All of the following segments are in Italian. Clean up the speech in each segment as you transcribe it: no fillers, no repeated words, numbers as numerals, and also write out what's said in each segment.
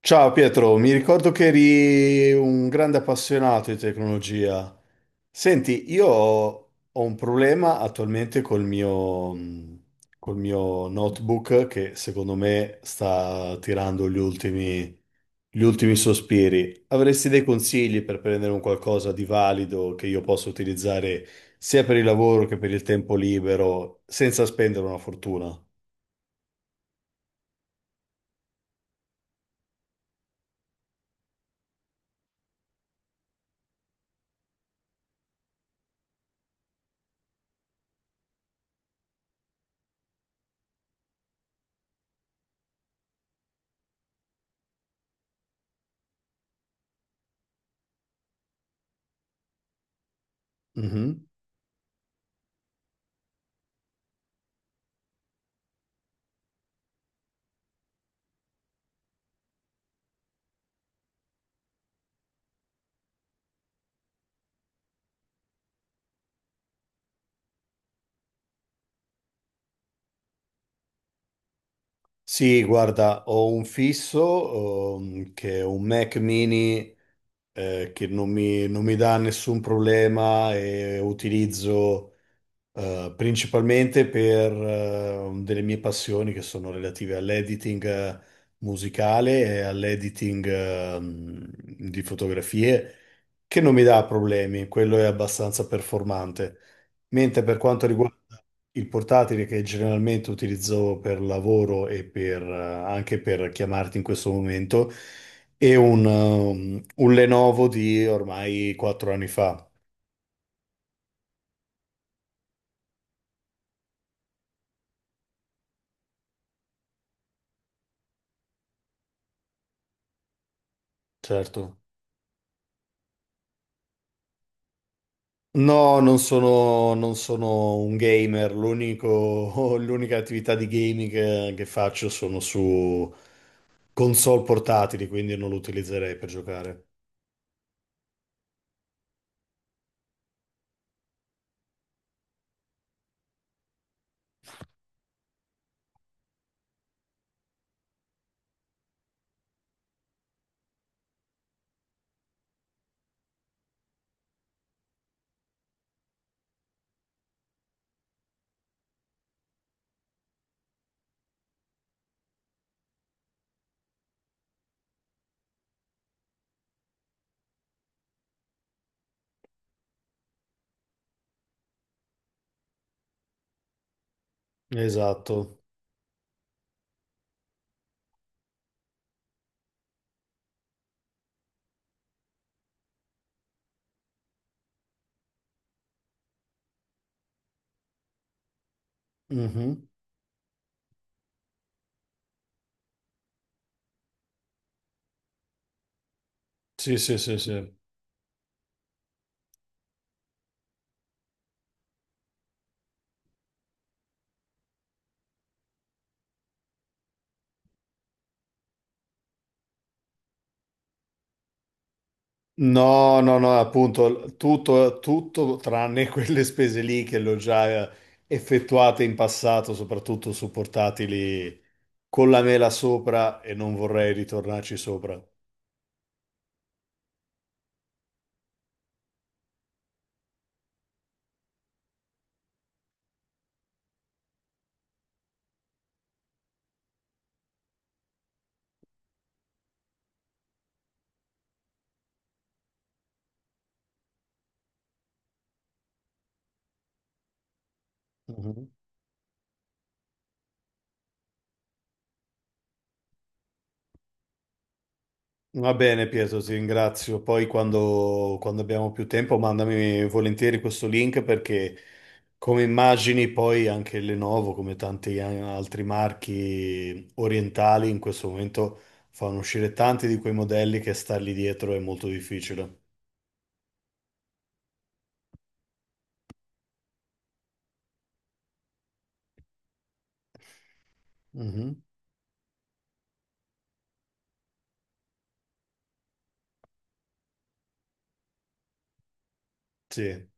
Ciao Pietro, mi ricordo che eri un grande appassionato di tecnologia. Senti, io ho un problema attualmente col mio notebook che secondo me sta tirando gli ultimi sospiri. Avresti dei consigli per prendere un qualcosa di valido che io possa utilizzare sia per il lavoro che per il tempo libero senza spendere una fortuna? Mhm. Sì, guarda, ho un fisso, che è un Mac mini, che non mi dà nessun problema e utilizzo principalmente per delle mie passioni che sono relative all'editing musicale e all'editing di fotografie, che non mi dà problemi, quello è abbastanza performante. Mentre per quanto riguarda il portatile che generalmente utilizzo per lavoro e per anche per chiamarti in questo momento, è un Lenovo di ormai 4 anni fa, certo. No, non sono un gamer, l'unica attività di gaming che faccio sono su console portatili, quindi non lo utilizzerei per giocare. Esatto. Mhm. Sì, sì, sì, sì. No, no, no, appunto, tutto tranne quelle spese lì che le ho già effettuate in passato, soprattutto su portatili con la mela sopra e non vorrei ritornarci sopra. Mhm. Va bene, Pietro, ti ringrazio. Poi quando abbiamo più tempo mandami volentieri questo link, perché come immagini poi anche Lenovo, come tanti altri marchi orientali, in questo momento fanno uscire tanti di quei modelli che stargli dietro è molto difficile. Mhm. Sì.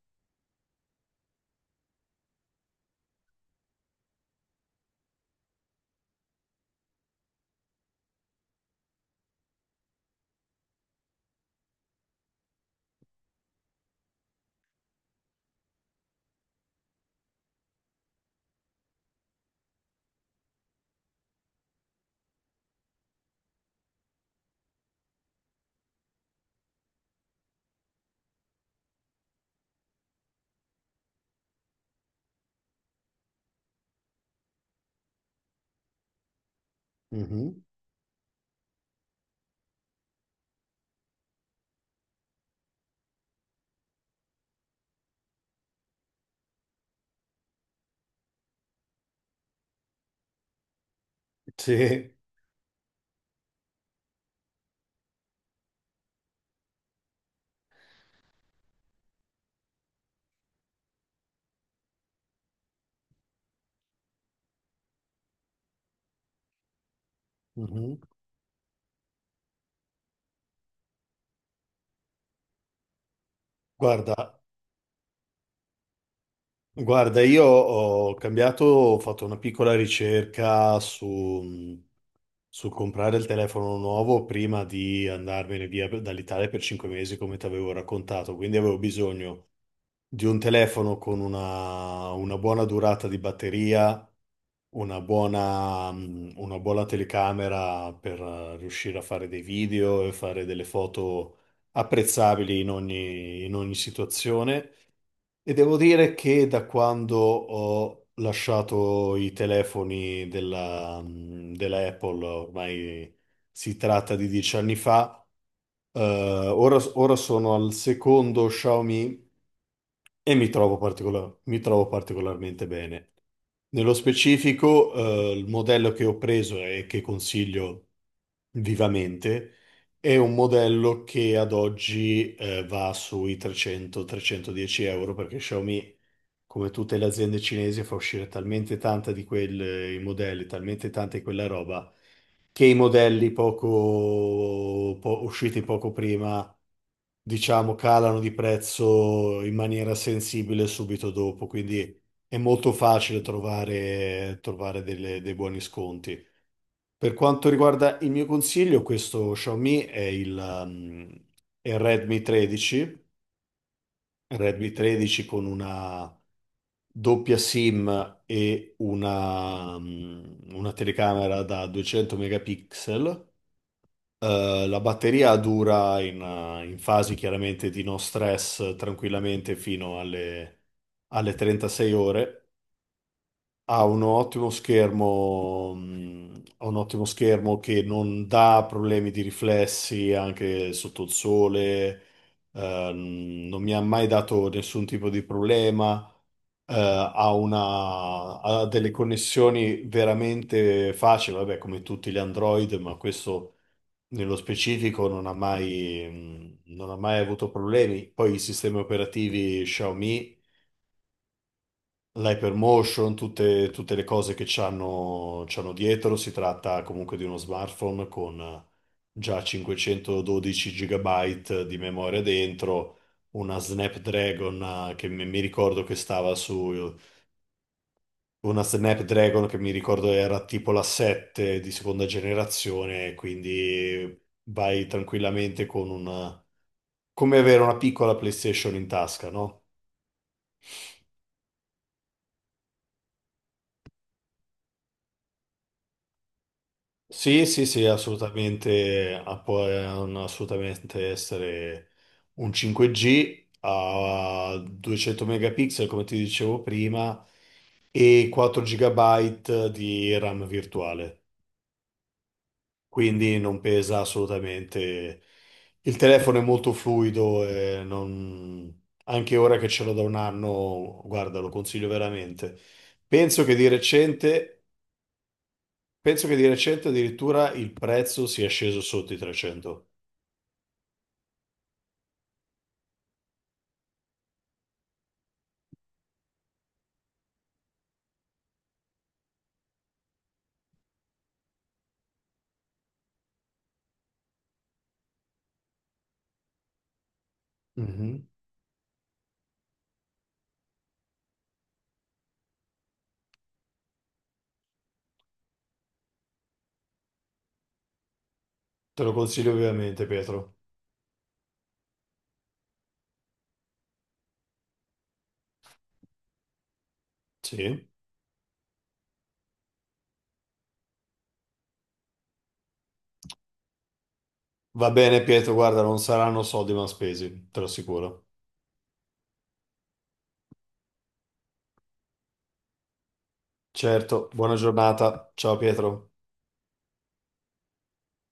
Mhm. Sì. Mhm. Guarda, guarda, io ho fatto una piccola ricerca su Sul comprare il telefono nuovo prima di andarmene via dall'Italia per 5 mesi, come ti avevo raccontato, quindi avevo bisogno di un telefono con una buona durata di batteria, una buona telecamera per riuscire a fare dei video e fare delle foto apprezzabili in ogni situazione. E devo dire che da quando ho lasciato i telefoni della Apple, ormai si tratta di 10 anni fa, ora sono al secondo Xiaomi e mi trovo particolarmente bene. Nello specifico, il modello che ho preso e che consiglio vivamente è un modello che ad oggi, va sui 300-310 euro, perché Xiaomi, come tutte le aziende cinesi, fa uscire talmente tanta di quei modelli, talmente tanta di quella roba, che i modelli usciti poco prima, diciamo, calano di prezzo in maniera sensibile subito dopo. Quindi è molto facile trovare, dei buoni sconti. Per quanto riguarda il mio consiglio, questo Xiaomi è il Redmi 13, con una doppia SIM e una telecamera da 200 megapixel. La batteria dura in fasi chiaramente di no stress tranquillamente fino alle 36 ore. Ha un ottimo schermo che non dà problemi di riflessi anche sotto il sole, non mi ha mai dato nessun tipo di problema, ha delle connessioni veramente facili, vabbè, come tutti gli Android, ma questo nello specifico non ha mai avuto problemi. Poi i sistemi operativi Xiaomi, l'Hypermotion, tutte le cose che c'hanno dietro, si tratta comunque di uno smartphone con già 512 GB di memoria dentro. Una Snapdragon che mi mi ricordo che stava su Una Snapdragon che mi ricordo era tipo la 7 di seconda generazione, quindi vai tranquillamente con una, come avere una piccola PlayStation in tasca, no? Sì, sì, sì, assolutamente, ah, può assolutamente essere un 5G a 200 megapixel, come ti dicevo prima, e 4 GB di RAM virtuale. Quindi non pesa assolutamente. Il telefono è molto fluido e anche ora che ce l'ho da un anno, guarda, lo consiglio veramente. Penso che di recente, penso che di recente addirittura il prezzo sia sceso sotto i 300. Mhm. Te lo consiglio ovviamente, Pietro. Sì. Va bene, Pietro, guarda, non saranno soldi mal spesi, te lo assicuro. Certo, buona giornata. Ciao, Pietro.